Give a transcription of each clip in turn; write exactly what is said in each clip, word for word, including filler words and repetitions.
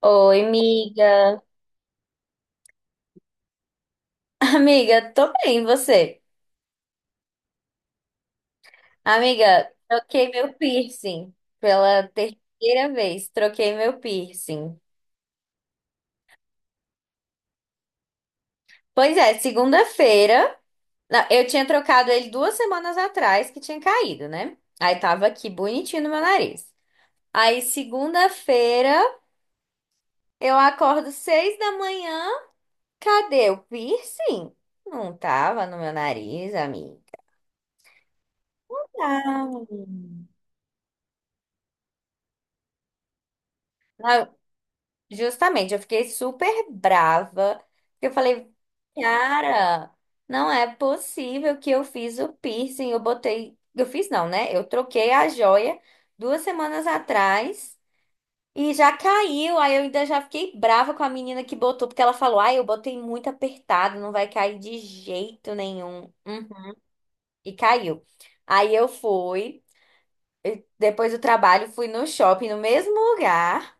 Oi, amiga. Amiga, tô bem, e você? Amiga, troquei meu piercing pela terceira vez. Troquei meu piercing. Pois é, segunda-feira. Não, eu tinha trocado ele duas semanas atrás, que tinha caído, né? Aí tava aqui bonitinho no meu nariz. Aí, segunda-feira, eu acordo seis da manhã. Cadê o piercing? Não tava no meu nariz, amiga. Ah. Justamente, eu fiquei super brava, porque eu falei, cara, não é possível que eu fiz o piercing, eu botei, eu fiz não, né? Eu troquei a joia duas semanas atrás e já caiu. Aí eu ainda já fiquei brava com a menina que botou, porque ela falou, ai, eu botei muito apertado, não vai cair de jeito nenhum. Uhum. E caiu. Aí eu fui, depois do trabalho, fui no shopping, no mesmo lugar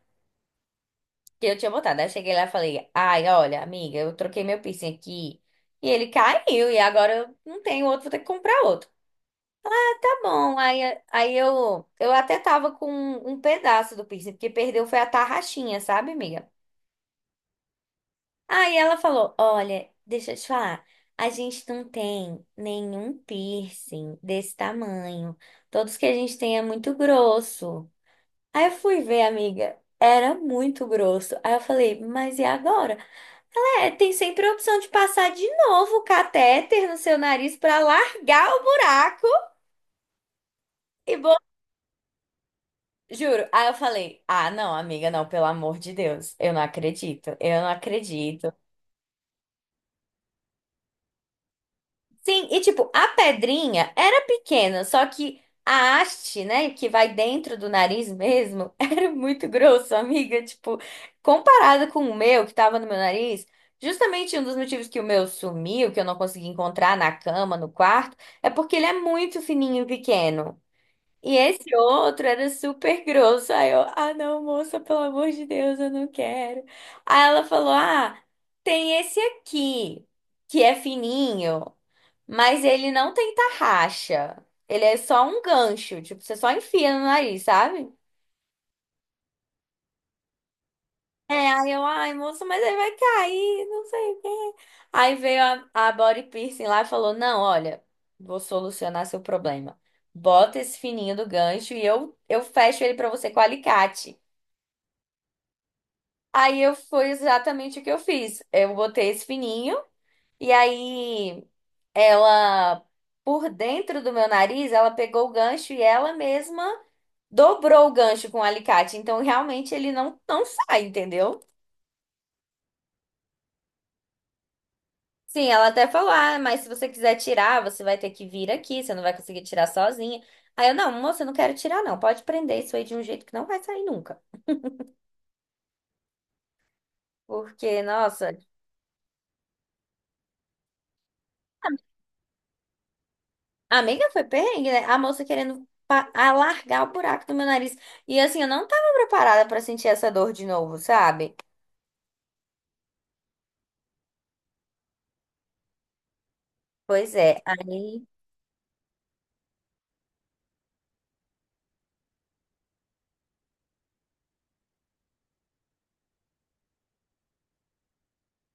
que eu tinha botado. Aí cheguei lá e falei, ai, olha, amiga, eu troquei meu piercing aqui e ele caiu, e agora eu não tenho outro, vou ter que comprar outro. Ah, tá bom. Aí, aí eu, eu até tava com um pedaço do piercing, porque perdeu foi a tarraxinha, sabe, amiga? Aí ela falou, olha, deixa eu te falar, a gente não tem nenhum piercing desse tamanho. Todos que a gente tem é muito grosso. Aí eu fui ver, amiga, era muito grosso. Aí eu falei, mas e agora? É, tem sempre a opção de passar de novo o catéter no seu nariz pra largar o buraco e bo... juro. Aí eu falei: "Ah, não, amiga, não, pelo amor de Deus. Eu não acredito. Eu não acredito." Sim, e tipo, a pedrinha era pequena, só que a haste, né, que vai dentro do nariz mesmo, era muito grosso, amiga. Tipo, comparada com o meu, que tava no meu nariz, justamente um dos motivos que o meu sumiu, que eu não consegui encontrar na cama, no quarto, é porque ele é muito fininho e pequeno. E esse outro era super grosso. Aí eu, ah, não, moça, pelo amor de Deus, eu não quero. Aí ela falou, ah, tem esse aqui, que é fininho. Mas ele não tem tarraxa. Ele é só um gancho. Tipo, você só enfia no nariz, sabe? É, aí eu, ai, moço, mas ele vai cair, não sei o quê. Aí veio a, a body piercing lá e falou: "Não, olha, vou solucionar seu problema. Bota esse fininho do gancho e eu, eu fecho ele pra você com alicate." Aí eu foi exatamente o que eu fiz. Eu botei esse fininho e aí ela, por dentro do meu nariz, ela pegou o gancho e ela mesma dobrou o gancho com o alicate, então realmente ele não, não sai, entendeu? Sim, ela até falou, ah, mas se você quiser tirar, você vai ter que vir aqui, você não vai conseguir tirar sozinha. Aí eu, não, moça, eu não quero tirar não, pode prender isso aí de um jeito que não vai sair nunca. Porque, nossa, a amiga foi perrengue, né? A moça querendo pa- alargar o buraco do meu nariz. E assim, eu não tava preparada pra sentir essa dor de novo, sabe? Pois é, aí...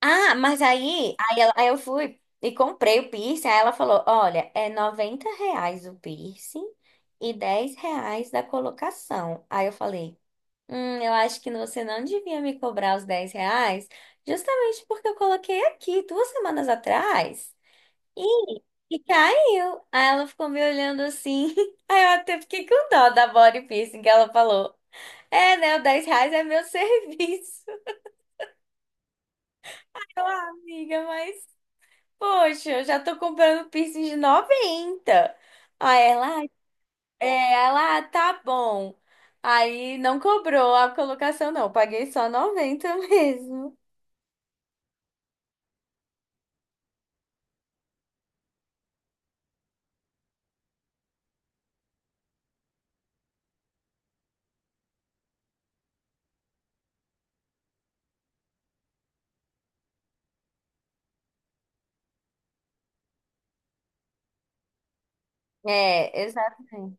Ah, mas aí, aí, ela- aí eu fui e comprei o piercing. Aí ela falou: "Olha, é noventa reais o piercing e dez reais da colocação." Aí eu falei: "Hum, eu acho que você não devia me cobrar os dez reais, justamente porque eu coloquei aqui duas semanas atrás e, e caiu." Aí ela ficou me olhando assim. Aí eu até fiquei com dó da body piercing, que ela falou: "É, né? O dez reais é meu serviço." Eu, "Ah, amiga, mas. Poxa, eu já tô comprando piercing de noventa." Aí ela, é, ela, ah, tá bom. Aí não cobrou a colocação, não. Paguei só noventa mesmo. É, exatamente.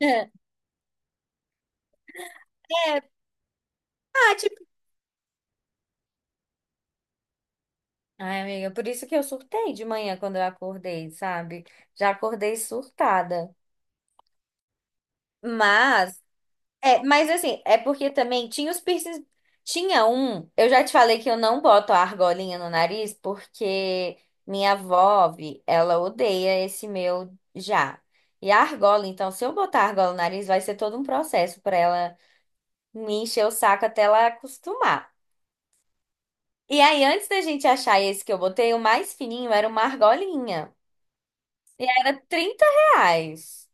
É, é, ah, tipo. Ai, amiga, por isso que eu surtei de manhã quando eu acordei, sabe? Já acordei surtada. Mas. É, mas assim, é porque também tinha os piercings. Tinha um, eu já te falei que eu não boto a argolinha no nariz porque minha avó, vi, ela odeia esse meu já. E a argola, então, se eu botar a argola no nariz, vai ser todo um processo pra ela me encher o saco até ela acostumar. E aí, antes da gente achar esse que eu botei, o mais fininho era uma argolinha. Era trinta reais.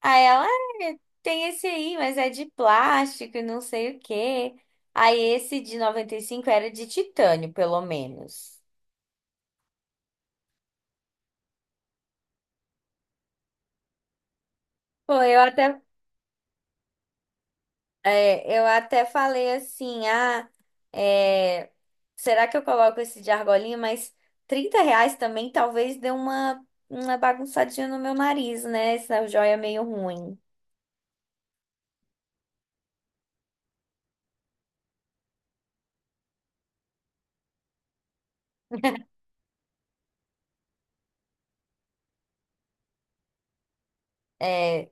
Aí ela, "É, tem esse aí, mas é de plástico e não sei o quê." Aí esse de noventa e cinco era de titânio, pelo menos. Pô, eu até, é, eu até falei assim, ah, é, será que eu coloco esse de argolinha? Mas trinta reais também talvez dê uma, uma bagunçadinha no meu nariz, né? Essa joia meio ruim. É,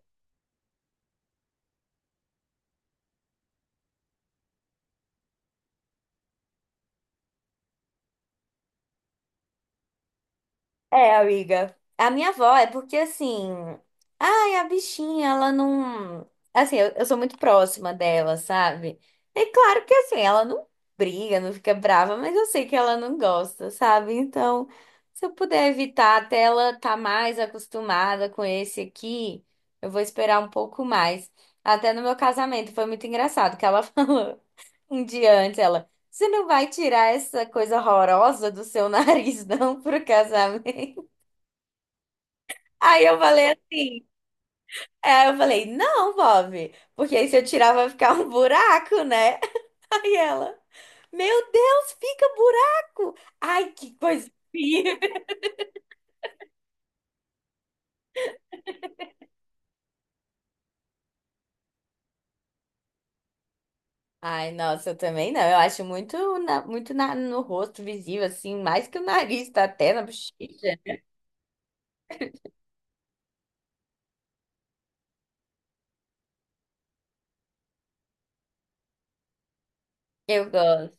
É, amiga. A minha avó é porque assim. Ai, a bichinha, ela não. Assim, eu, eu sou muito próxima dela, sabe? É claro que assim, ela não briga, não fica brava, mas eu sei que ela não gosta, sabe? Então, se eu puder evitar até ela tá mais acostumada com esse aqui, eu vou esperar um pouco mais. Até no meu casamento foi muito engraçado que ela falou um dia antes, ela. "Você não vai tirar essa coisa horrorosa do seu nariz, não, pro casamento?" Aí eu falei assim. Aí eu falei, não, Bob, porque aí se eu tirar vai ficar um buraco, né? Aí ela, meu Deus, fica buraco! Ai, que coisa feia! Ai, nossa, eu também não. Eu acho muito, na- muito na- no rosto visível, assim, mais que o nariz, tá até na bochecha. Eu gosto.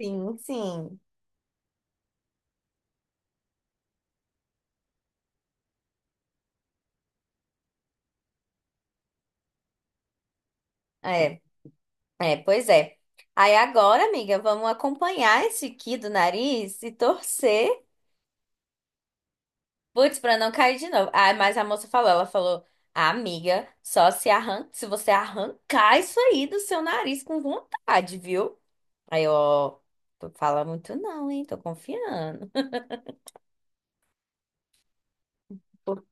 Sim, sim. É. É, pois é. Aí agora, amiga, vamos acompanhar esse aqui do nariz e torcer, putz, pra não cair de novo. Ah, mas a moça falou, ela falou, "Ah, amiga, só se arranca, se você arrancar isso aí do seu nariz com vontade, viu?" Aí, eu, ó, tu fala muito não, hein? Tô confiando. Por-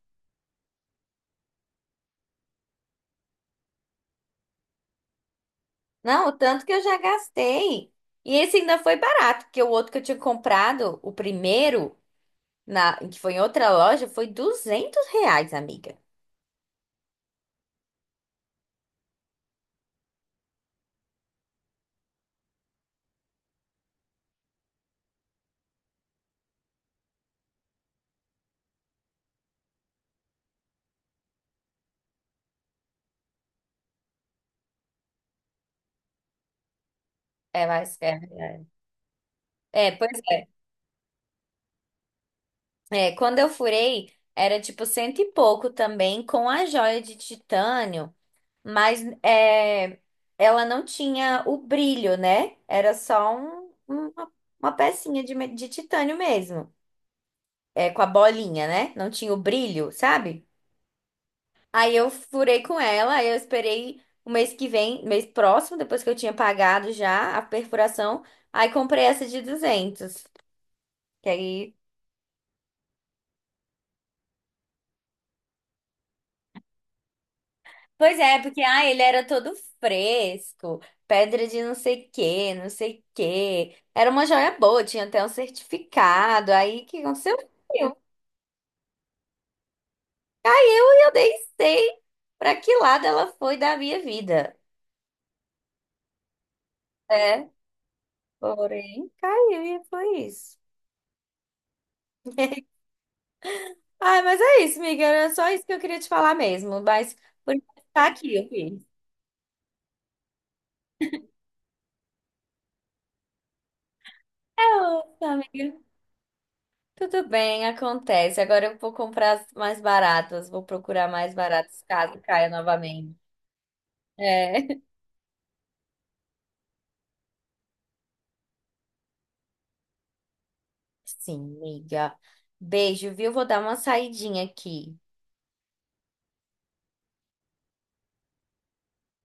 Não, o tanto que eu já gastei. E esse ainda foi barato, porque o outro que eu tinha comprado, o primeiro, na, que foi em outra loja, foi duzentos reais, amiga. É mais caro. É, pois é. É, quando eu furei, era tipo cento e pouco também, com a joia de titânio, mas é, ela não tinha o brilho, né? Era só um- uma, uma pecinha de, me- de titânio mesmo, é, com a bolinha, né? Não tinha o brilho, sabe? Aí eu furei com ela, aí eu esperei o mês que vem, mês próximo, depois que eu tinha pagado já a perfuração, aí comprei essa de duzentos. Que aí, pois é, porque ah, ele era todo fresco, pedra de não sei quê, não sei quê. Era uma joia boa, tinha até um certificado. Aí o que aconteceu? Eu- Aí eu nem sei pra que lado ela foi da minha vida. É, porém, caiu e foi isso. Ai, mas é isso, amiga. Era só isso que eu queria te falar mesmo. Mas por enquanto tá aqui, eu fiz. É, ô, amiga. Tudo bem, acontece. Agora eu vou comprar as mais baratas, vou procurar mais baratas caso caia novamente. É. Sim, miga. Beijo, viu? Vou dar uma saidinha aqui.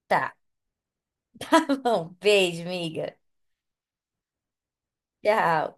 Tá, tá bom. Beijo, miga. Tchau.